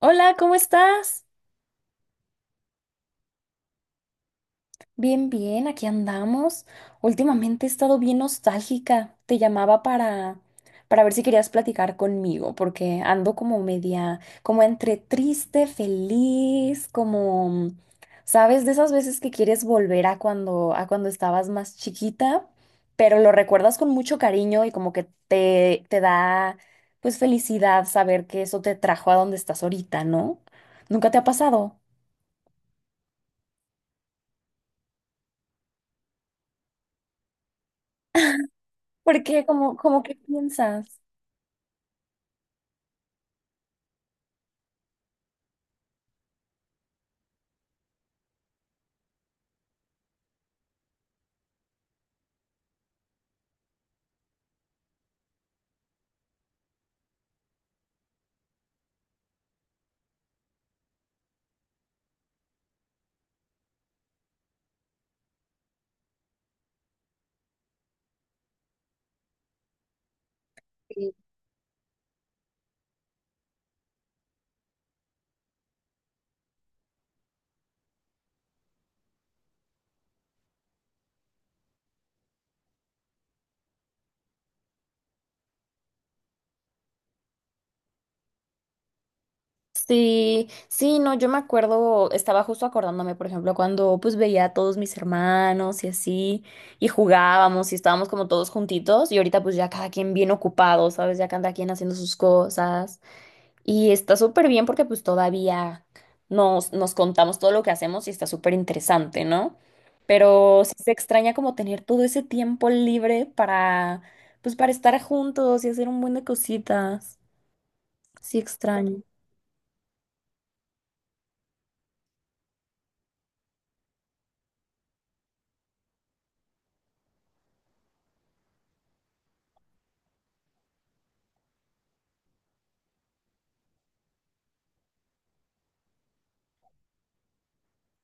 Hola, ¿cómo estás? Bien, bien, aquí andamos. Últimamente he estado bien nostálgica. Te llamaba para ver si querías platicar conmigo, porque ando como media, como entre triste, feliz, como, ¿sabes? De esas veces que quieres volver a cuando estabas más chiquita, pero lo recuerdas con mucho cariño y como que te da pues felicidad saber que eso te trajo a donde estás ahorita, ¿no? ¿Nunca te ha pasado? ¿Por qué? ¿Cómo qué piensas? Sí, sí, sí, no, yo me acuerdo, estaba justo acordándome, por ejemplo, cuando pues veía a todos mis hermanos y así, y jugábamos y estábamos como todos juntitos, y ahorita pues ya cada quien bien ocupado, ¿sabes? Ya cada quien haciendo sus cosas, y está súper bien porque pues todavía nos contamos todo lo que hacemos y está súper interesante, ¿no? Pero sí se extraña como tener todo ese tiempo libre para, pues para estar juntos y hacer un buen de cositas. Sí, extraño.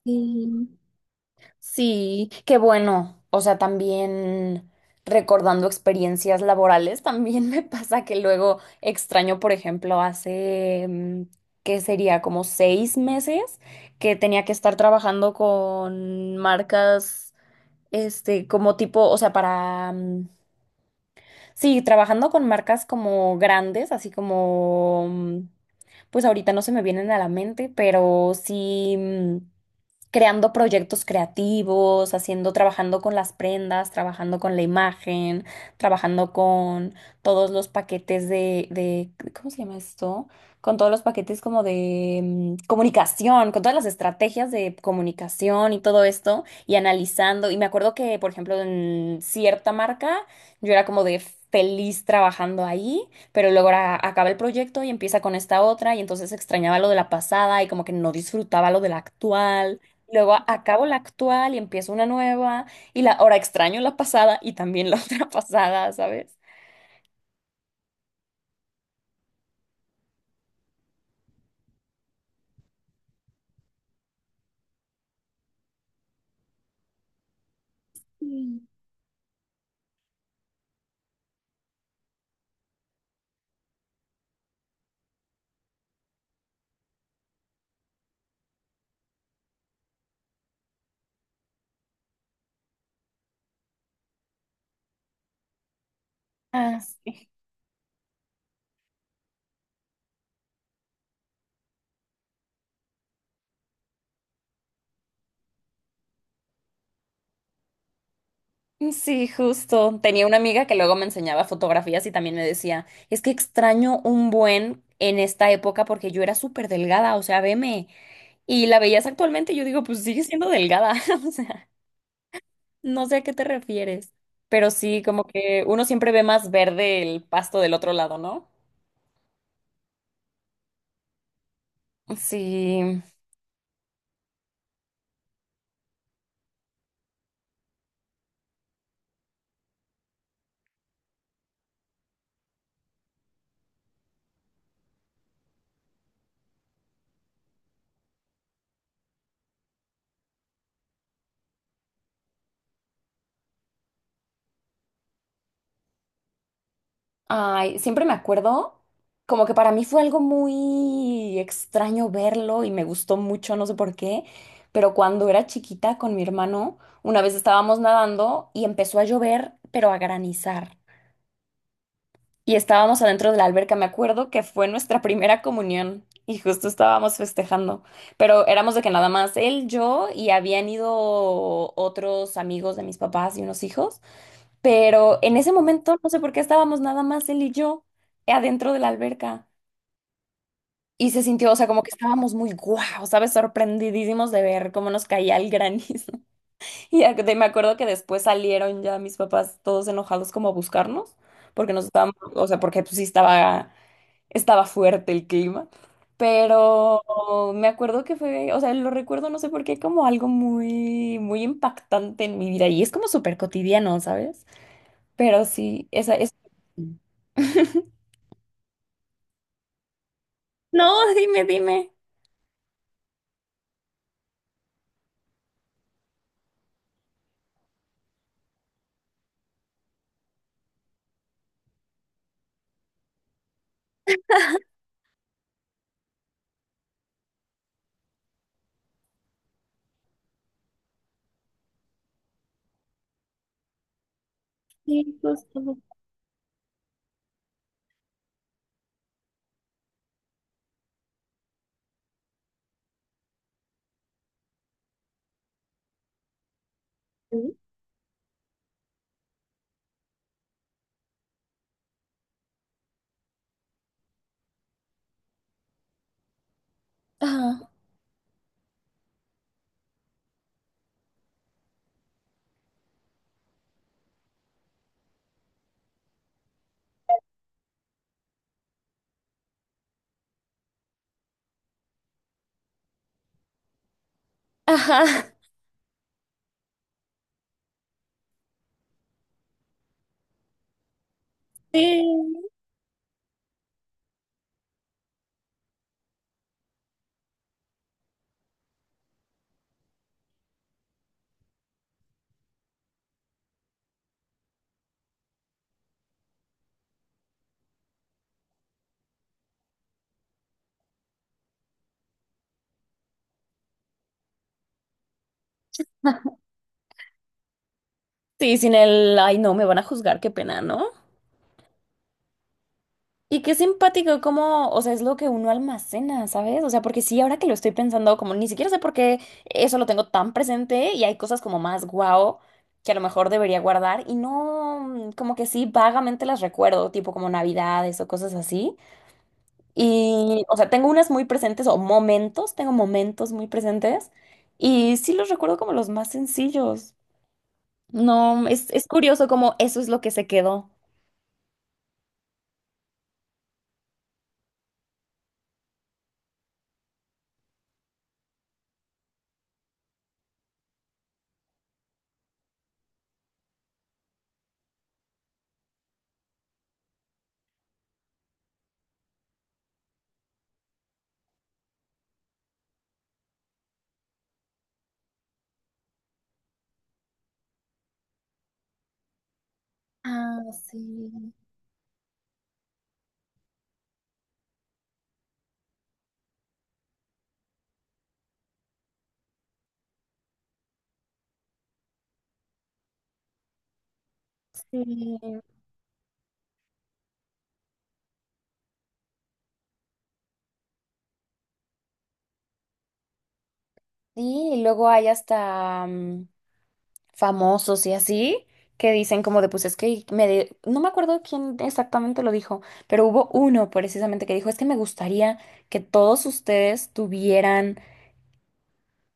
Sí, sí, qué bueno. O sea, también recordando experiencias laborales, también me pasa que luego extraño, por ejemplo, hace, ¿qué sería? Como seis meses que tenía que estar trabajando con marcas, este, como tipo, o sea, para, sí, trabajando con marcas como grandes, así como, pues ahorita no se me vienen a la mente, pero sí. Creando proyectos creativos, haciendo, trabajando con las prendas, trabajando con la imagen, trabajando con todos los paquetes de, ¿cómo se llama esto? Con todos los paquetes como de comunicación, con todas las estrategias de comunicación y todo esto, y analizando. Y me acuerdo que, por ejemplo, en cierta marca, yo era como de feliz trabajando ahí, pero luego acaba el proyecto y empieza con esta otra, y entonces extrañaba lo de la pasada y como que no disfrutaba lo de la actual. Luego acabo la actual y empiezo una nueva y la ahora extraño la pasada y también la otra pasada, ¿sabes? Sí. Ah, sí. Sí, justo. Tenía una amiga que luego me enseñaba fotografías y también me decía, es que extraño un buen en esta época porque yo era súper delgada, o sea, veme. Y la veías actualmente y yo digo, pues sigue siendo delgada, o sea, no sé a qué te refieres. Pero sí, como que uno siempre ve más verde el pasto del otro lado, ¿no? Sí. Ay, siempre me acuerdo, como que para mí fue algo muy extraño verlo y me gustó mucho, no sé por qué, pero cuando era chiquita con mi hermano, una vez estábamos nadando y empezó a llover, pero a granizar. Y estábamos adentro de la alberca, me acuerdo que fue nuestra primera comunión y justo estábamos festejando, pero éramos de que nada más él, yo y habían ido otros amigos de mis papás y unos hijos. Pero en ese momento, no sé por qué estábamos nada más él y yo adentro de la alberca. Y se sintió, o sea, como que estábamos muy guau, ¿sabes? Sorprendidísimos de ver cómo nos caía el granizo. Y me acuerdo que después salieron ya mis papás todos enojados como a buscarnos, porque nos estábamos, o sea, porque pues sí estaba, estaba fuerte el clima. Pero me acuerdo que fue, o sea, lo recuerdo, no sé por qué, como algo muy, muy impactante en mi vida. Y es como súper cotidiano, ¿sabes? Pero sí, esa es… No, dime, dime. Sí, justo. Ajá. Ajá. Sí. Sí, sin el, ay, no, me van a juzgar, qué pena, ¿no? Y qué simpático, como, o sea, es lo que uno almacena, ¿sabes? O sea, porque sí, ahora que lo estoy pensando, como ni siquiera sé por qué eso lo tengo tan presente y hay cosas como más guau que a lo mejor debería guardar y no, como que sí, vagamente las recuerdo, tipo como navidades o cosas así. Y, o sea, tengo unas muy presentes o momentos, tengo momentos muy presentes y sí los recuerdo como los más sencillos. No, es curioso como eso es lo que se quedó. Ah, sí. Sí, sí, y luego hay hasta famosos y así que dicen como de pues es que no me acuerdo quién exactamente lo dijo, pero hubo uno precisamente que dijo es que me gustaría que todos ustedes tuvieran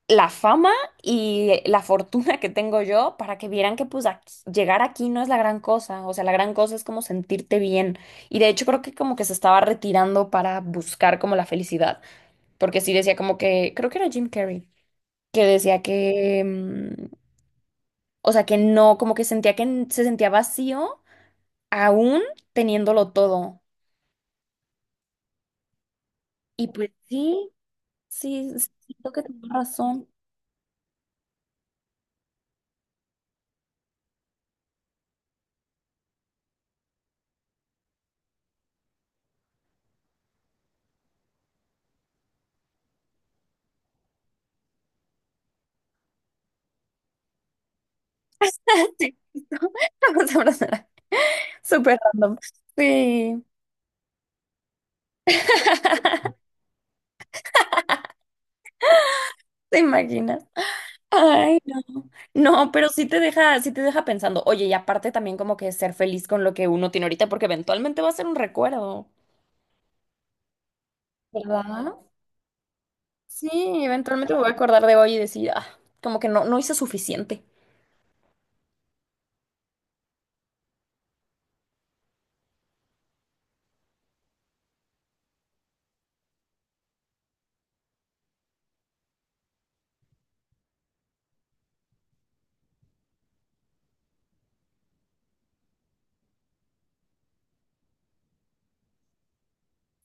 la fama y la fortuna que tengo yo para que vieran que pues llegar aquí no es la gran cosa, o sea, la gran cosa es como sentirte bien. Y de hecho creo que como que se estaba retirando para buscar como la felicidad, porque sí decía como que, creo que era Jim Carrey, que decía que, o sea, que no, como que sentía que se sentía vacío aún teniéndolo todo. Y pues sí, sí, siento que tengo razón. Sí, vamos a abrazar. Súper random. Sí. ¿Te imaginas? Ay, no. No, pero sí te deja pensando. Oye, y aparte también como que ser feliz con lo que uno tiene ahorita, porque eventualmente va a ser un recuerdo, ¿verdad? Sí, eventualmente me voy a acordar de hoy y decir, ah, como que no, no hice suficiente.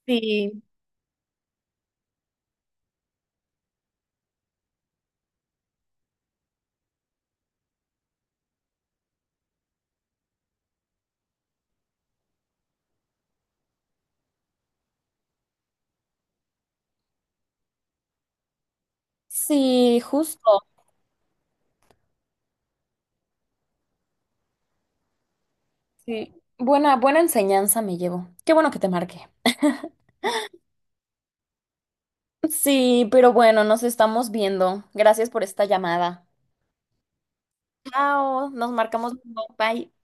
Sí. Sí, justo. Sí. Buena, buena enseñanza me llevo. Qué bueno que te marqué. Sí, pero bueno, nos estamos viendo. Gracias por esta llamada. Chao, nos marcamos. Bye.